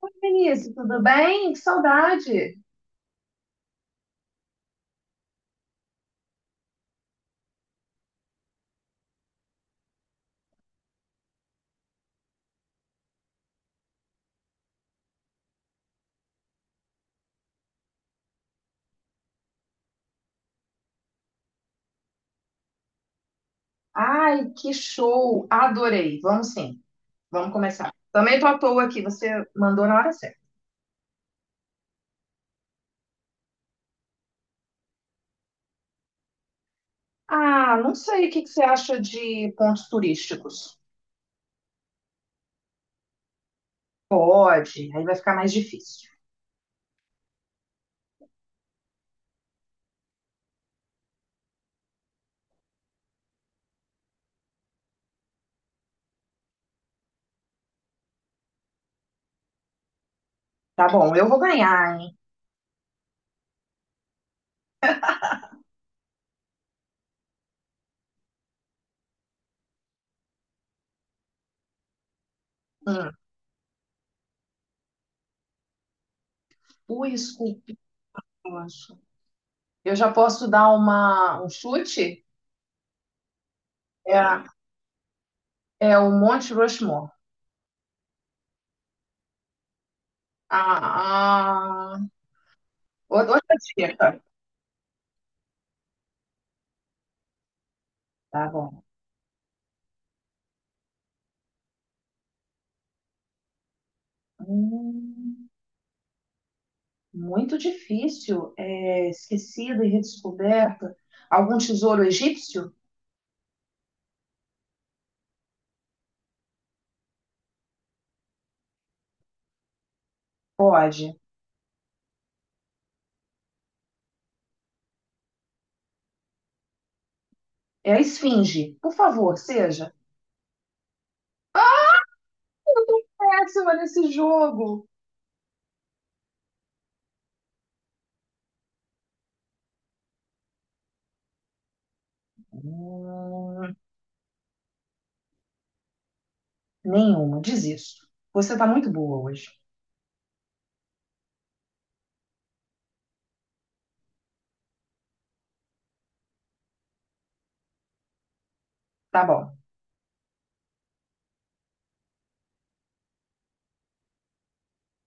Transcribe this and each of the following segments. Oi, Vinícius, tudo bem? Que saudade! Ai, que show! Adorei! Vamos sim, vamos começar. Também tô à toa aqui, você mandou na hora certa. Ah, não sei o que que você acha de pontos turísticos. Pode, aí vai ficar mais difícil. Tá bom, eu vou ganhar, hein? Hum, fui esculpido, eu acho. Eu já posso dar um chute? É, é o Monte Rushmore. Ah, outra dica. Tá bom. Hum. Muito difícil, é, esquecida e redescoberta. Algum tesouro egípcio? Pode. É a esfinge. Por favor, seja. Péssima nesse jogo. Hum, nenhuma, desisto. Você tá muito boa hoje. Tá bom.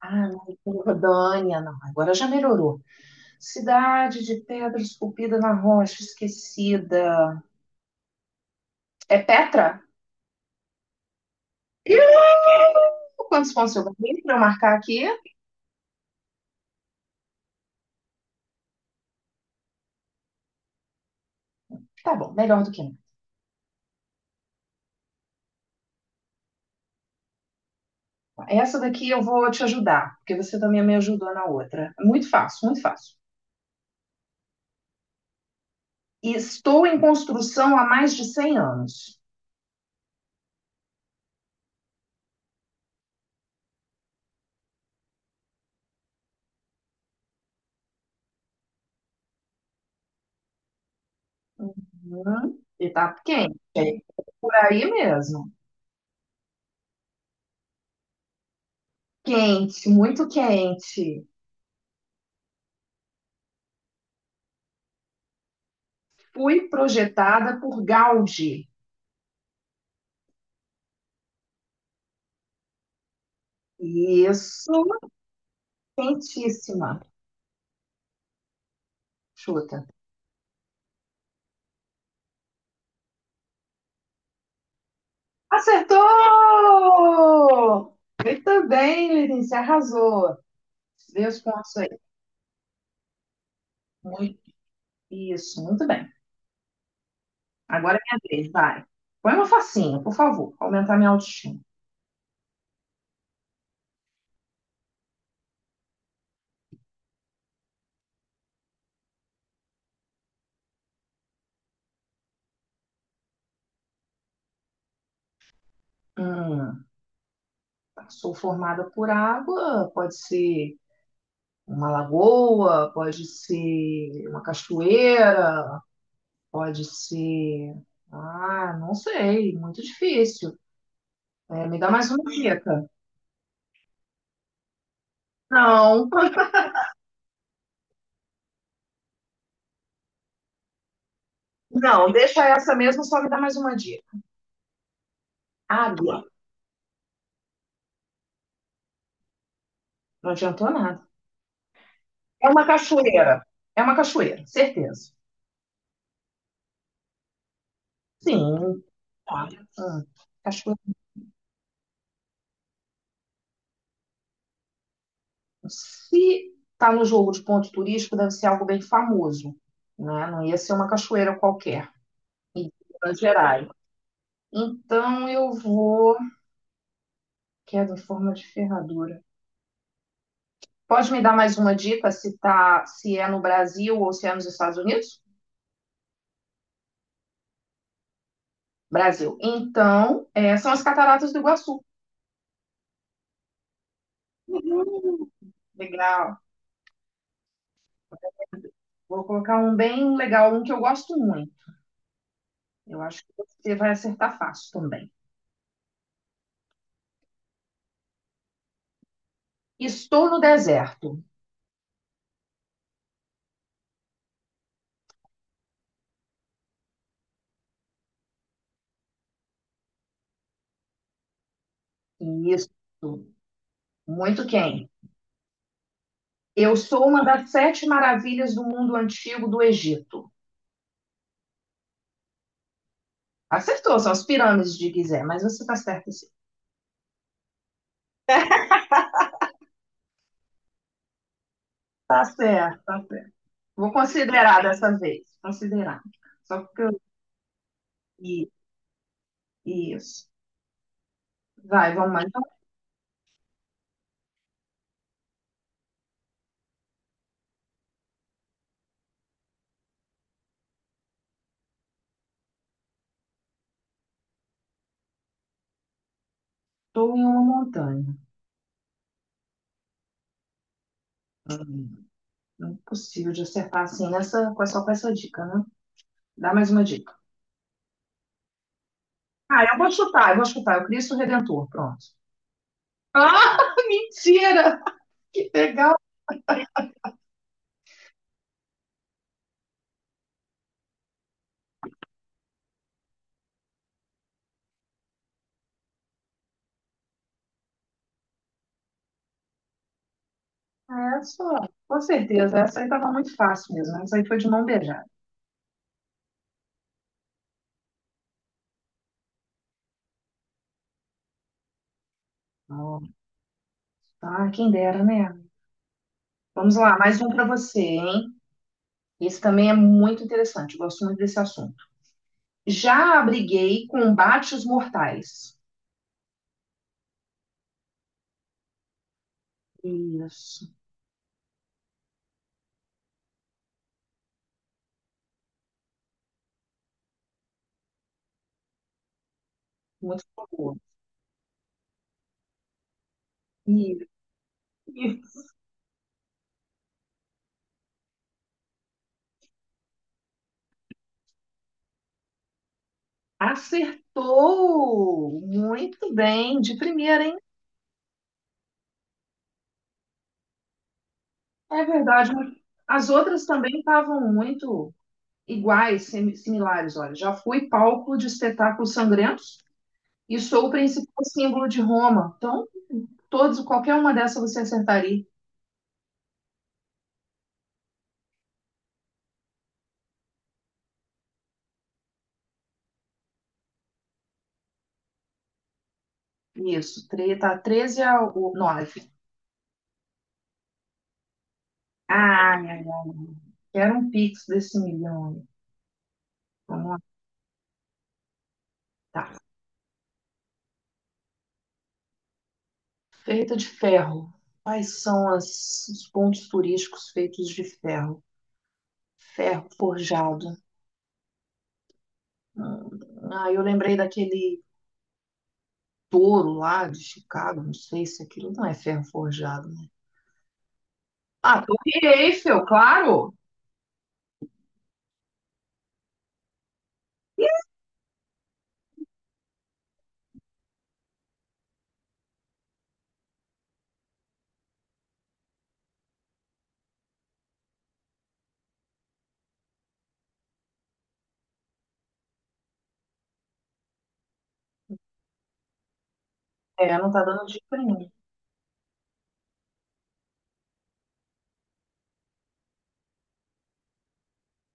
Ah, não, Jordânia, não. Agora já melhorou. Cidade de pedra esculpida na rocha, esquecida. É Petra? Ih, quantos pontos eu ganhei para eu marcar aqui? Tá bom, melhor do que não. Essa daqui eu vou te ajudar, porque você também me ajudou na outra. Muito fácil, muito fácil. Estou em construção há mais de cem anos. E tá quente, é por aí mesmo. Quente, muito quente. Fui projetada por Gaudi. Isso, quentíssima. Chuta. Acertou! Muito bem, Lenice, arrasou. Vê os pontos aí. Muito- isso, muito bem. Agora é minha vez, vai. Põe uma facinha, por favor, pra aumentar minha autoestima. Hum, sou formada por água, pode ser uma lagoa, pode ser uma cachoeira, pode ser. Ah, não sei, muito difícil. É, me dá mais uma dica. Não, não, deixa essa mesmo, só me dá mais uma dica. Água, não adiantou nada. É uma cachoeira. É uma cachoeira, certeza. Sim. Olha, cachoeira. Se está no jogo de ponto turístico, deve ser algo bem famoso, né? Não ia ser uma cachoeira qualquer, em Minas Gerais. Então eu vou. Queda em forma de ferradura. Pode me dar mais uma dica se tá, se é no Brasil ou se é nos Estados Unidos? Brasil. Então, é, são as cataratas do Iguaçu. Uhum. Legal. Vou colocar um bem legal, um que eu gosto muito. Eu acho que você vai acertar fácil também. Estou no deserto. Isso. Muito quente. Eu sou uma das sete maravilhas do mundo antigo do Egito. Acertou, são as pirâmides de Gizé, mas você está certa sim. Tá certo, tá certo. Vou considerar dessa vez, considerar. Só porque eu li isso. Vai, vamos lá. Então, estou em uma montanha. Não é possível de acertar assim nessa, só com essa dica, né? Dá mais uma dica. Ah, eu vou chutar. É o Cristo Redentor, pronto. Ah, mentira! Que legal! Essa, com certeza, essa aí estava muito fácil mesmo, né? Essa aí foi de mão beijada. Ah, quem dera, né? Vamos lá, mais um para você, hein? Esse também é muito interessante, eu gosto muito desse assunto. Já abriguei combates mortais. Isso, muito boa. E, e acertou muito bem, de primeira, hein? É verdade, mas as outras também estavam muito iguais, similares. Olha, já fui palco de espetáculos sangrentos e sou o principal símbolo de Roma. Então, todos, qualquer uma dessas você acertaria. Isso, tá 13 a 9. Ah, minha alma. Quero um pix desse milhão aí. Vamos lá. Tá. Feita de ferro. Quais são os pontos turísticos feitos de ferro? Ferro forjado. Hum, Ah, eu lembrei daquele touro lá de Chicago. Não sei se aquilo não é ferro forjado, né? Ah, Torre Eiffel, claro! É, não tá dando dica nenhuma.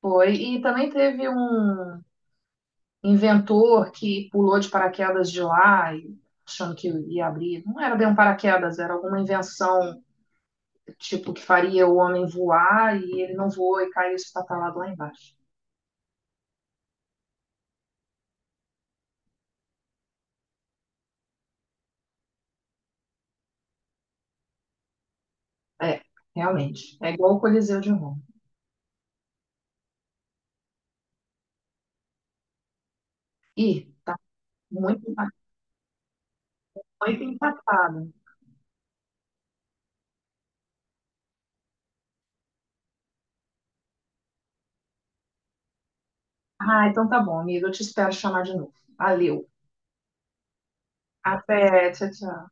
Foi. E também teve um inventor que pulou de paraquedas de lá, e- achando que ia abrir. Não era bem um paraquedas, era alguma invenção, tipo, que faria o homem voar e ele não voou e caiu espatalado lá embaixo. É, realmente. É igual o Coliseu de Roma. Ih, tá muito, muito empatado. Ah, então tá bom, amiga. Eu te espero chamar de novo. Valeu. Até, tchau, tchau.